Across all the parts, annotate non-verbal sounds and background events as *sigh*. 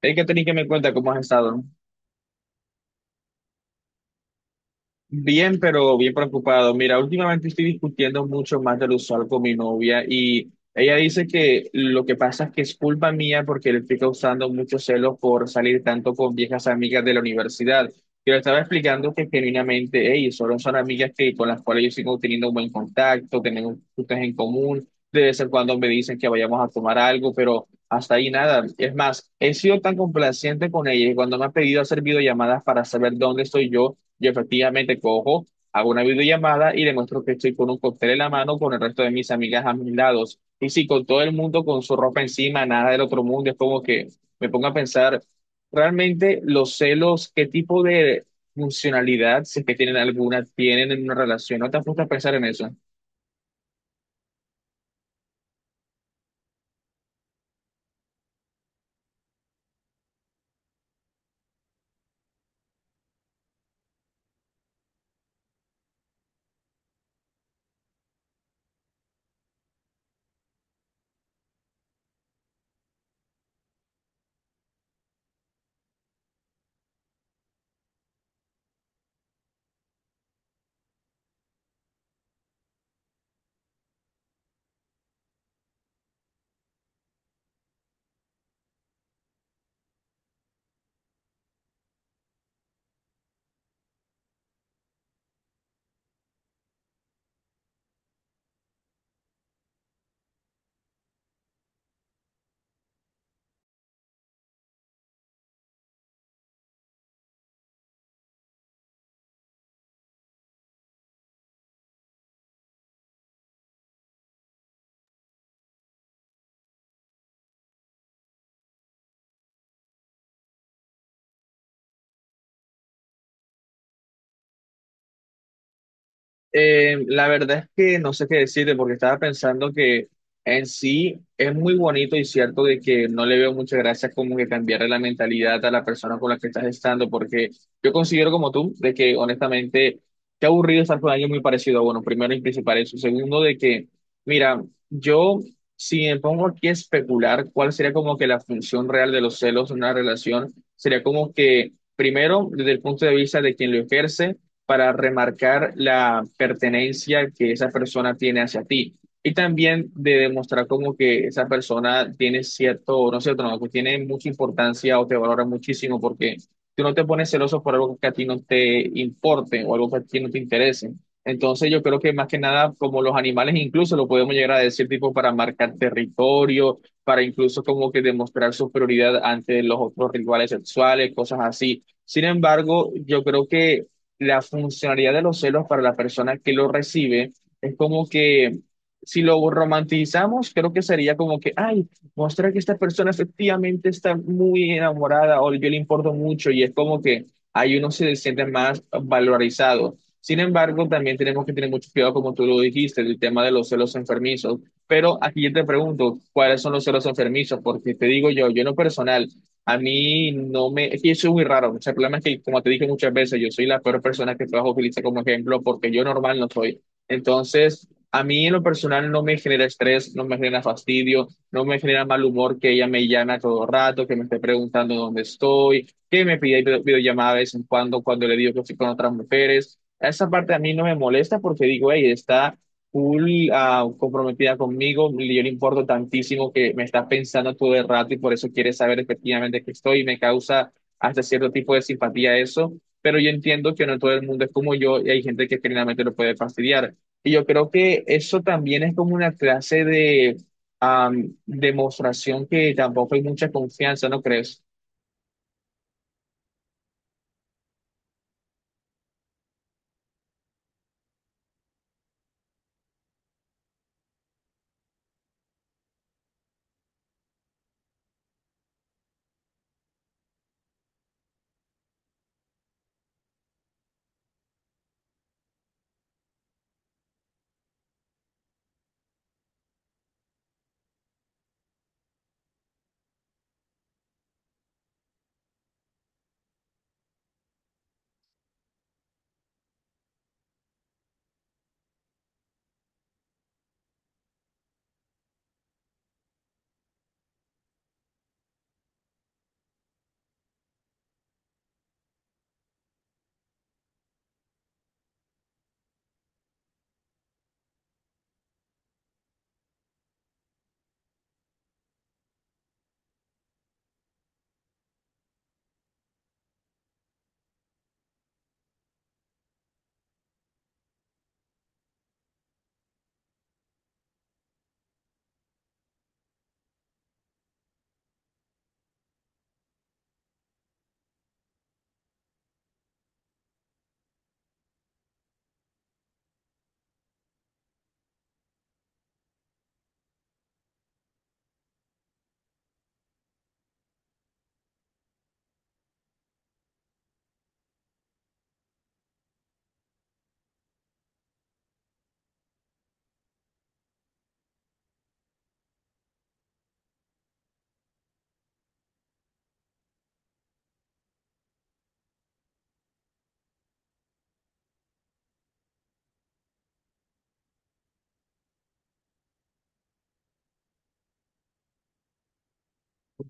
Hay que tener que me cuenta cómo has estado, ¿no? Bien, pero bien preocupado. Mira, últimamente estoy discutiendo mucho más de lo usual con mi novia y ella dice que lo que pasa es que es culpa mía porque le estoy causando mucho celo por salir tanto con viejas amigas de la universidad. Yo le estaba explicando que genuinamente, hey, solo son amigas que, con las cuales yo sigo teniendo un buen contacto, tenemos cosas en común, de vez en cuando me dicen que vayamos a tomar algo, pero hasta ahí nada. Es más, he sido tan complaciente con ella y cuando me ha pedido hacer videollamadas para saber dónde estoy yo. Yo efectivamente cojo, hago una videollamada y demuestro que estoy con un cóctel en la mano con el resto de mis amigas a mis lados. Y si con todo el mundo con su ropa encima, nada del otro mundo, es como que me pongo a pensar realmente los celos, qué tipo de funcionalidad, si es que tienen alguna, tienen en una relación. ¿No te has puesto a pensar en eso? La verdad es que no sé qué decirte porque estaba pensando que en sí es muy bonito y cierto de que no le veo muchas gracias como que cambiarle la mentalidad a la persona con la que estás estando porque yo considero como tú de que honestamente qué aburrido estar con alguien muy parecido. Bueno, primero y principal eso. Segundo de que, mira, yo si me pongo aquí a especular cuál sería como que la función real de los celos en una relación, sería como que primero desde el punto de vista de quien lo ejerce para remarcar la pertenencia que esa persona tiene hacia ti. Y también de demostrar como que esa persona tiene cierto, no, que tiene mucha importancia o te valora muchísimo porque tú no te pones celoso por algo que a ti no te importe o algo que a ti no te interese. Entonces yo creo que más que nada, como los animales incluso lo podemos llegar a decir tipo para marcar territorio, para incluso como que demostrar superioridad ante los otros rivales sexuales, cosas así. Sin embargo, yo creo que la funcionalidad de los celos para la persona que lo recibe es como que si lo romantizamos, creo que sería como que, ay, mostrar que esta persona efectivamente está muy enamorada o yo le importo mucho y es como que ahí uno se siente más valorizado. Sin embargo, también tenemos que tener mucho cuidado, como tú lo dijiste, el tema de los celos enfermizos. Pero aquí yo te pregunto, ¿cuáles son los celos enfermizos? Porque te digo yo, yo en lo personal, a mí no me, es que eso es muy raro. O sea, el problema es que, como te dije muchas veces, yo soy la peor persona que trabajo utiliza como ejemplo porque yo normal no soy. Entonces, a mí en lo personal no me genera estrés, no me genera fastidio, no me genera mal humor que ella me llame a todo rato, que me esté preguntando dónde estoy, que me pida videollamada de vez en cuando cuando le digo que estoy con otras mujeres. Esa parte a mí no me molesta porque digo, hey, está full comprometida conmigo, yo le importo tantísimo que me está pensando todo el rato y por eso quiere saber efectivamente que estoy y me causa hasta cierto tipo de simpatía eso, pero yo entiendo que no todo el mundo es como yo y hay gente que generalmente lo puede fastidiar. Y yo creo que eso también es como una clase de demostración que tampoco hay mucha confianza, ¿no crees?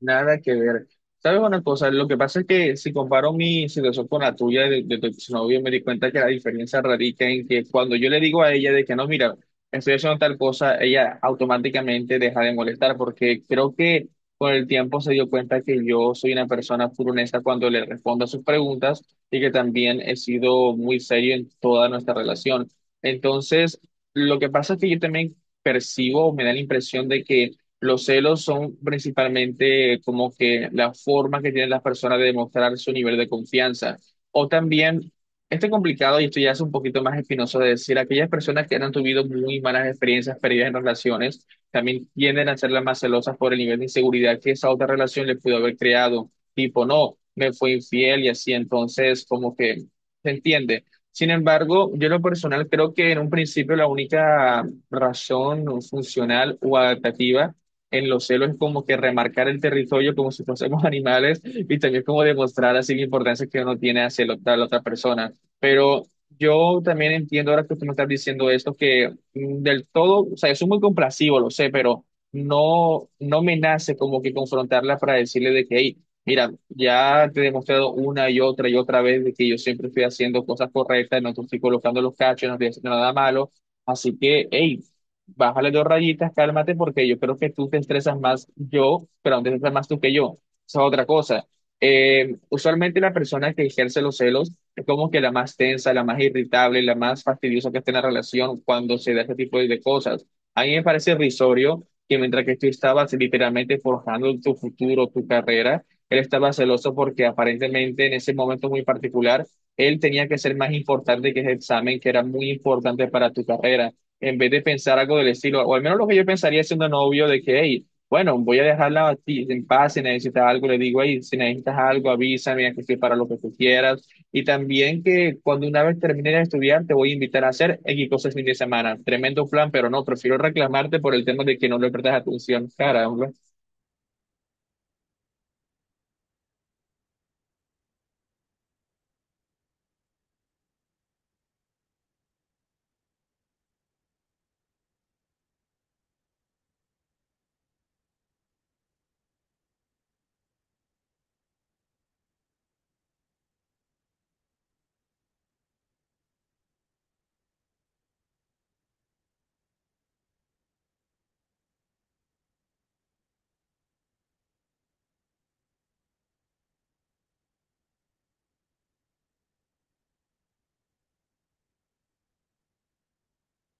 Nada que ver. ¿Sabes una cosa? Lo que pasa es que si comparo mi situación con la tuya de tu exnovio, me di cuenta que la diferencia radica en que cuando yo le digo a ella de que no, mira, estoy haciendo tal cosa, ella automáticamente deja de molestar, porque creo que con el tiempo se dio cuenta que yo soy una persona full honesta cuando le respondo a sus preguntas y que también he sido muy serio en toda nuestra relación. Entonces, lo que pasa es que yo también percibo, me da la impresión de que los celos son principalmente como que la forma que tienen las personas de demostrar su nivel de confianza. O también, este complicado, y esto ya es un poquito más espinoso de decir, aquellas personas que han tenido muy malas experiencias perdidas en relaciones, también tienden a ser las más celosas por el nivel de inseguridad que esa otra relación le pudo haber creado. Tipo, no, me fue infiel y así, entonces como que se entiende. Sin embargo, yo en lo personal creo que en un principio la única razón funcional o adaptativa en los celos es como que remarcar el territorio como si fuésemos *laughs* animales y también como demostrar así la importancia que uno tiene hacia la otra persona. Pero yo también entiendo ahora que tú me estás diciendo esto, que del todo, o sea, yo soy muy complacido, lo sé, pero no, no me nace como que confrontarla para decirle de que, hey, mira, ya te he demostrado una y otra vez de que yo siempre estoy haciendo cosas correctas, no te estoy colocando los cachos, no estoy haciendo nada malo. Así que, hey, bájale dos rayitas, cálmate, porque yo creo que tú te estresas más yo, pero aún te estresas más tú que yo. Esa es otra cosa. Usualmente la persona que ejerce los celos es como que la más tensa, la más irritable, la más fastidiosa que esté en la relación cuando se da este tipo de cosas. A mí me parece risorio que mientras que tú estabas literalmente forjando tu futuro, tu carrera, él estaba celoso porque aparentemente en ese momento muy particular, él tenía que ser más importante que ese examen que era muy importante para tu carrera en vez de pensar algo del estilo, o al menos lo que yo pensaría siendo novio, de que, hey, bueno, voy a dejarla a ti en paz, si necesitas algo, le digo, hey, si necesitas algo, avísame, aquí estoy para lo que tú quieras. Y también que cuando una vez termine de estudiar, te voy a invitar a hacer X cosas el fin de semana. Tremendo plan, pero no, prefiero reclamarte por el tema de que no le prestas atención, cara, hombre.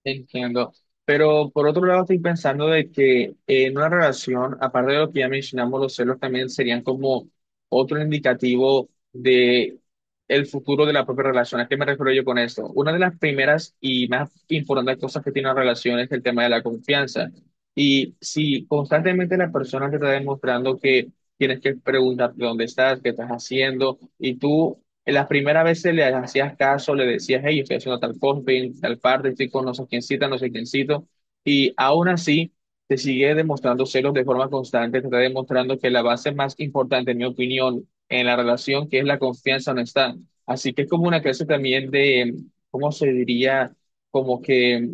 Entiendo. Pero por otro lado, estoy pensando de que en una relación, aparte de lo que ya mencionamos, los celos también serían como otro indicativo de el futuro de la propia relación. ¿A qué me refiero yo con esto? Una de las primeras y más importantes cosas que tiene una relación es el tema de la confianza. Y si constantemente la persona te está demostrando que tienes que preguntarte dónde estás, qué estás haciendo, y tú en las primeras veces le hacías caso, le decías, hey, estoy haciendo tal cosa, estoy en tal parte, estoy con no sé quién cita, no sé quién cito, y aún así te sigue demostrando celos de forma constante, te está demostrando que la base más importante, en mi opinión, en la relación, que es la confianza, no está. Así que es como una clase también de, ¿cómo se diría? Como que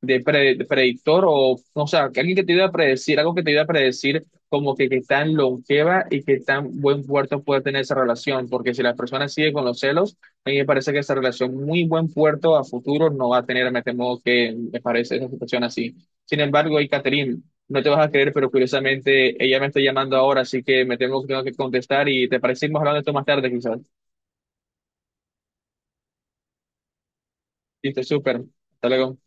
de, predictor o sea, que alguien que te iba a predecir, algo que te iba a predecir como que qué tan longeva y qué tan buen puerto puede tener esa relación, porque si la persona sigue con los celos, a mí me parece que esa relación muy buen puerto a futuro no va a tener, me temo que me parece esa situación así. Sin embargo, y Catherine, no te vas a creer, pero curiosamente ella me está llamando ahora, así que me temo que tengo que contestar y te parecimos hablando de esto más tarde quizás. Listo, súper. Hasta luego.